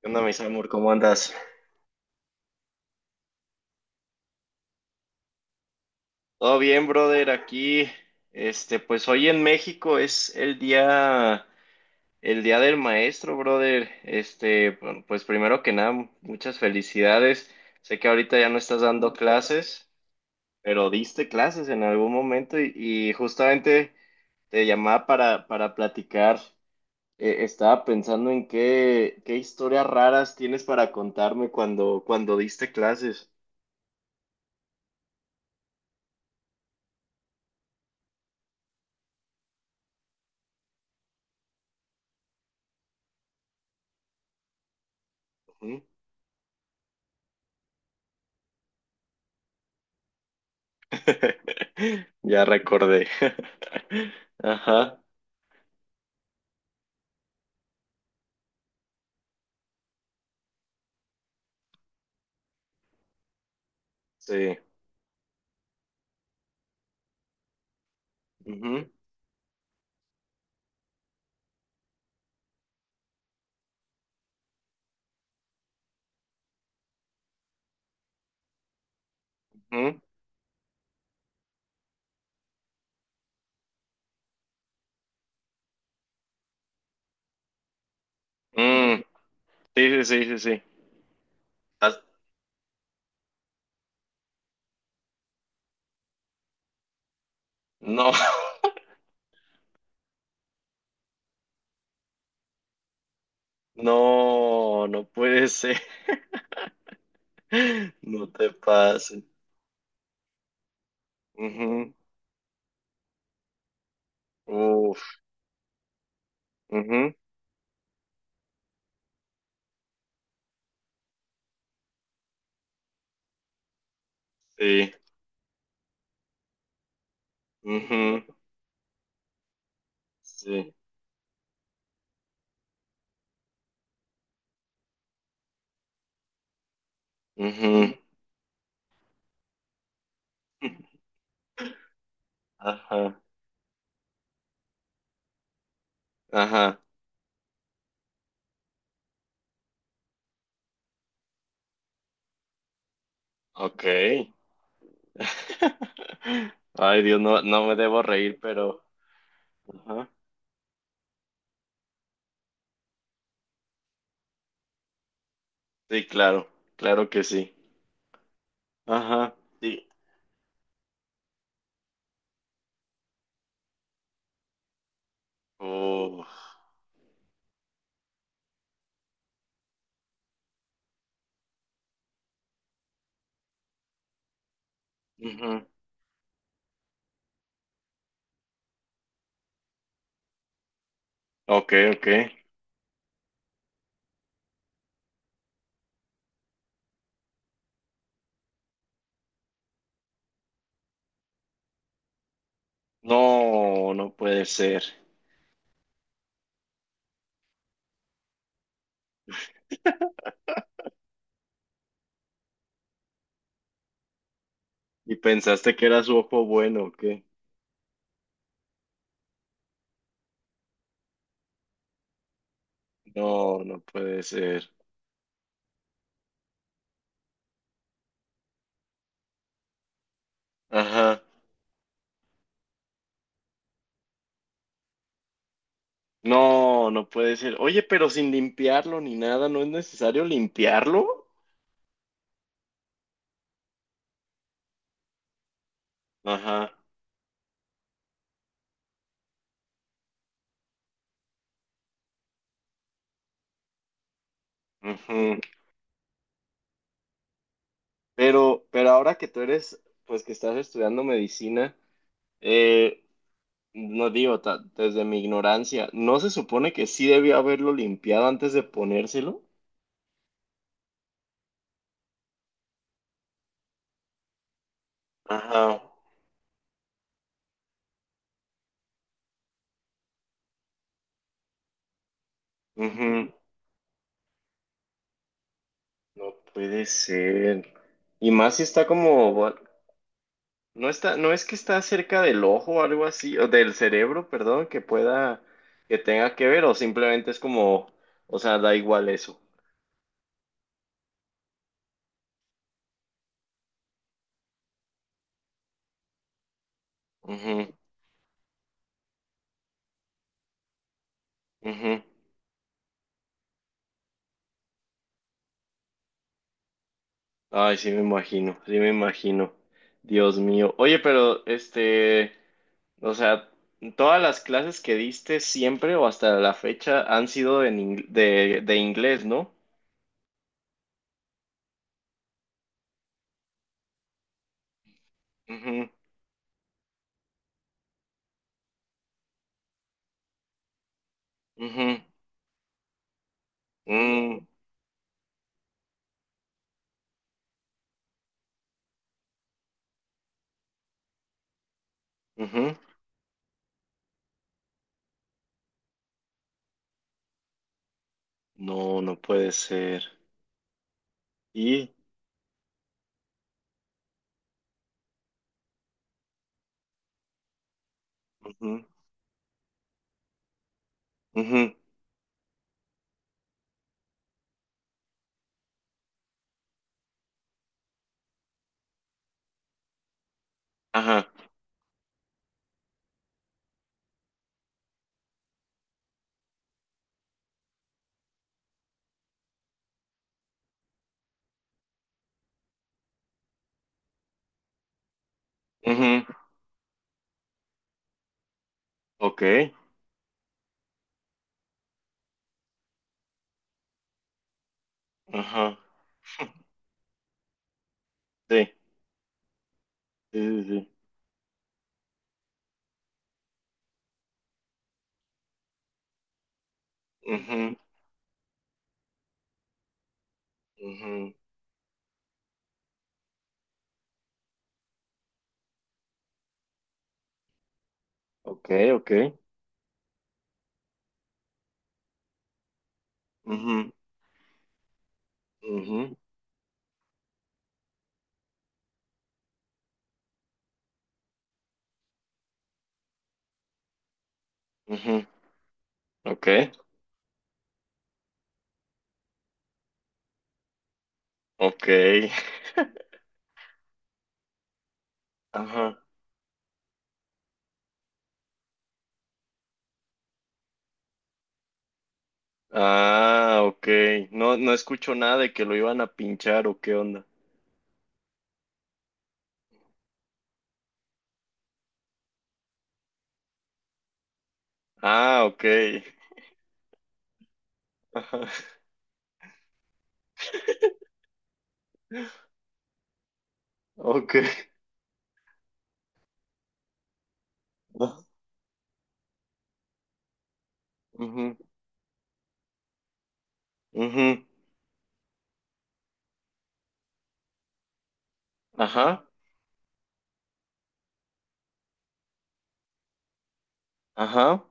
¿Qué onda, mis amor? ¿Cómo andas? Todo bien, brother, aquí. Pues hoy en México es el día del maestro, brother. Bueno, pues primero que nada, muchas felicidades. Sé que ahorita ya no estás dando clases, pero diste clases en algún momento y justamente te llamaba para platicar. Estaba pensando en qué historias raras tienes para contarme cuando diste clases. Ya recordé. Ajá, sí. Ujú, ujú. Mm, sí, sí, sí, sí, sí. As- No, no, no puede ser. No te pases. Ujú. Uf, ujú, sí, ujú, sí, ujú. Ajá, ajá, ok. Ay, Dios, no, no me debo reír, pero... Ajá. Sí, claro, claro que sí. Ajá, sí. Oh, ujú. Ok, ok. No, no puede ser. ¿Y pensaste que era su ojo bueno o qué? No, no puede ser. Ajá. No, no puede ser. Oye, pero sin limpiarlo ni nada, ¿no es necesario limpiarlo? Ajá. Ujú. Pero ahora que tú eres, pues que estás estudiando medicina, eh, no digo, desde mi ignorancia, ¿no se supone que sí debió haberlo limpiado antes de ponérselo? Ajá. Ujú. No puede ser. Y más si está como, no está, no es que está cerca del ojo o algo así, o del cerebro, perdón, que pueda, que tenga que ver, o simplemente es como, o sea, da igual eso. Ujú, ujú. Ay, sí me imagino, sí me imagino. Dios mío. Oye, pero o sea, todas las clases que diste siempre o hasta la fecha han sido en de inglés, ¿no? Ujú, ujú, mm, ujú. No, no puede ser. Y, ujú, ujú, ajá, ujú, ok, ajá, sí, sí, sí, sí, ujú, ujú, ok, ok, ujú, ujú, ujú, ok, ok, ajá, ah, ok, no, no escucho nada de que lo iban a pinchar o qué onda. Ah, ok, ajá, ok, ujú, ujú, ajá, ajá,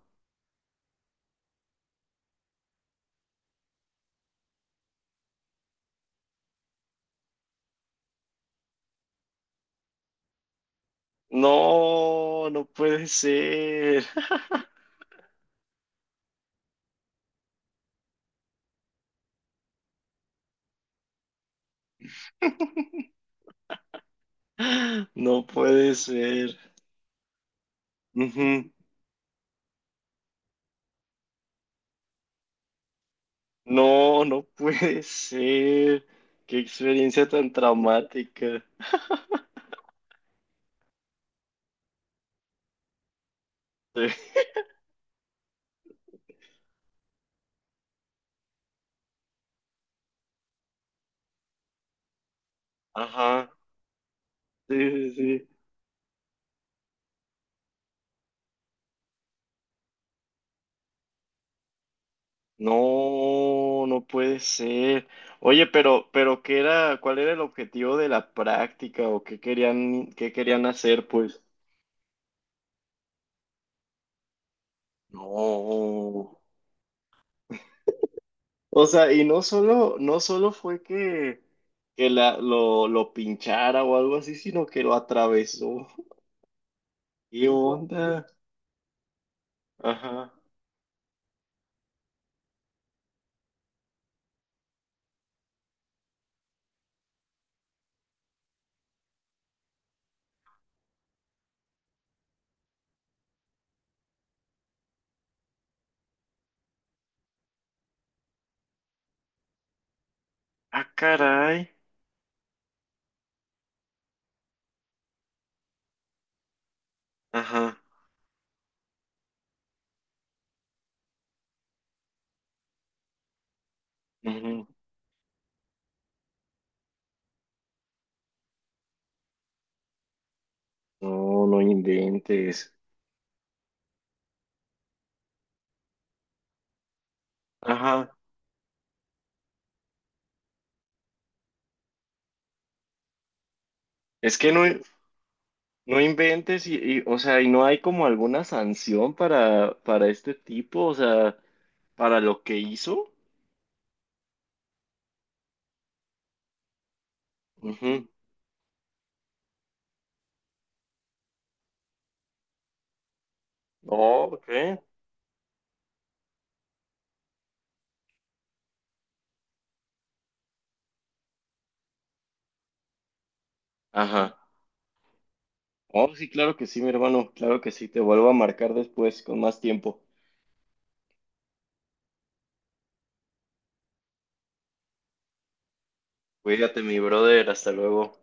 no, no puede ser. No puede ser. Ujú. No, no puede ser. Qué experiencia tan traumática. Sí. Ajá. Sí, sí, sí. No, no puede ser. Oye, pero ¿qué era, cuál era el objetivo de la práctica o qué querían hacer, pues? No. O sea, y no solo, no solo fue que la, lo pinchara o algo así, sino que lo atravesó. ¿Qué onda? Ajá. Ah, caray. Ajá. Ujú. No, no inventes. Ajá. Es que no, no inventes y, o sea, y no hay como alguna sanción para este tipo, o sea, para lo que hizo. Ujú. Oh, ok. Ajá. Oh, sí, claro que sí, mi hermano. Claro que sí. Te vuelvo a marcar después con más tiempo. Cuídate, mi brother. Hasta luego.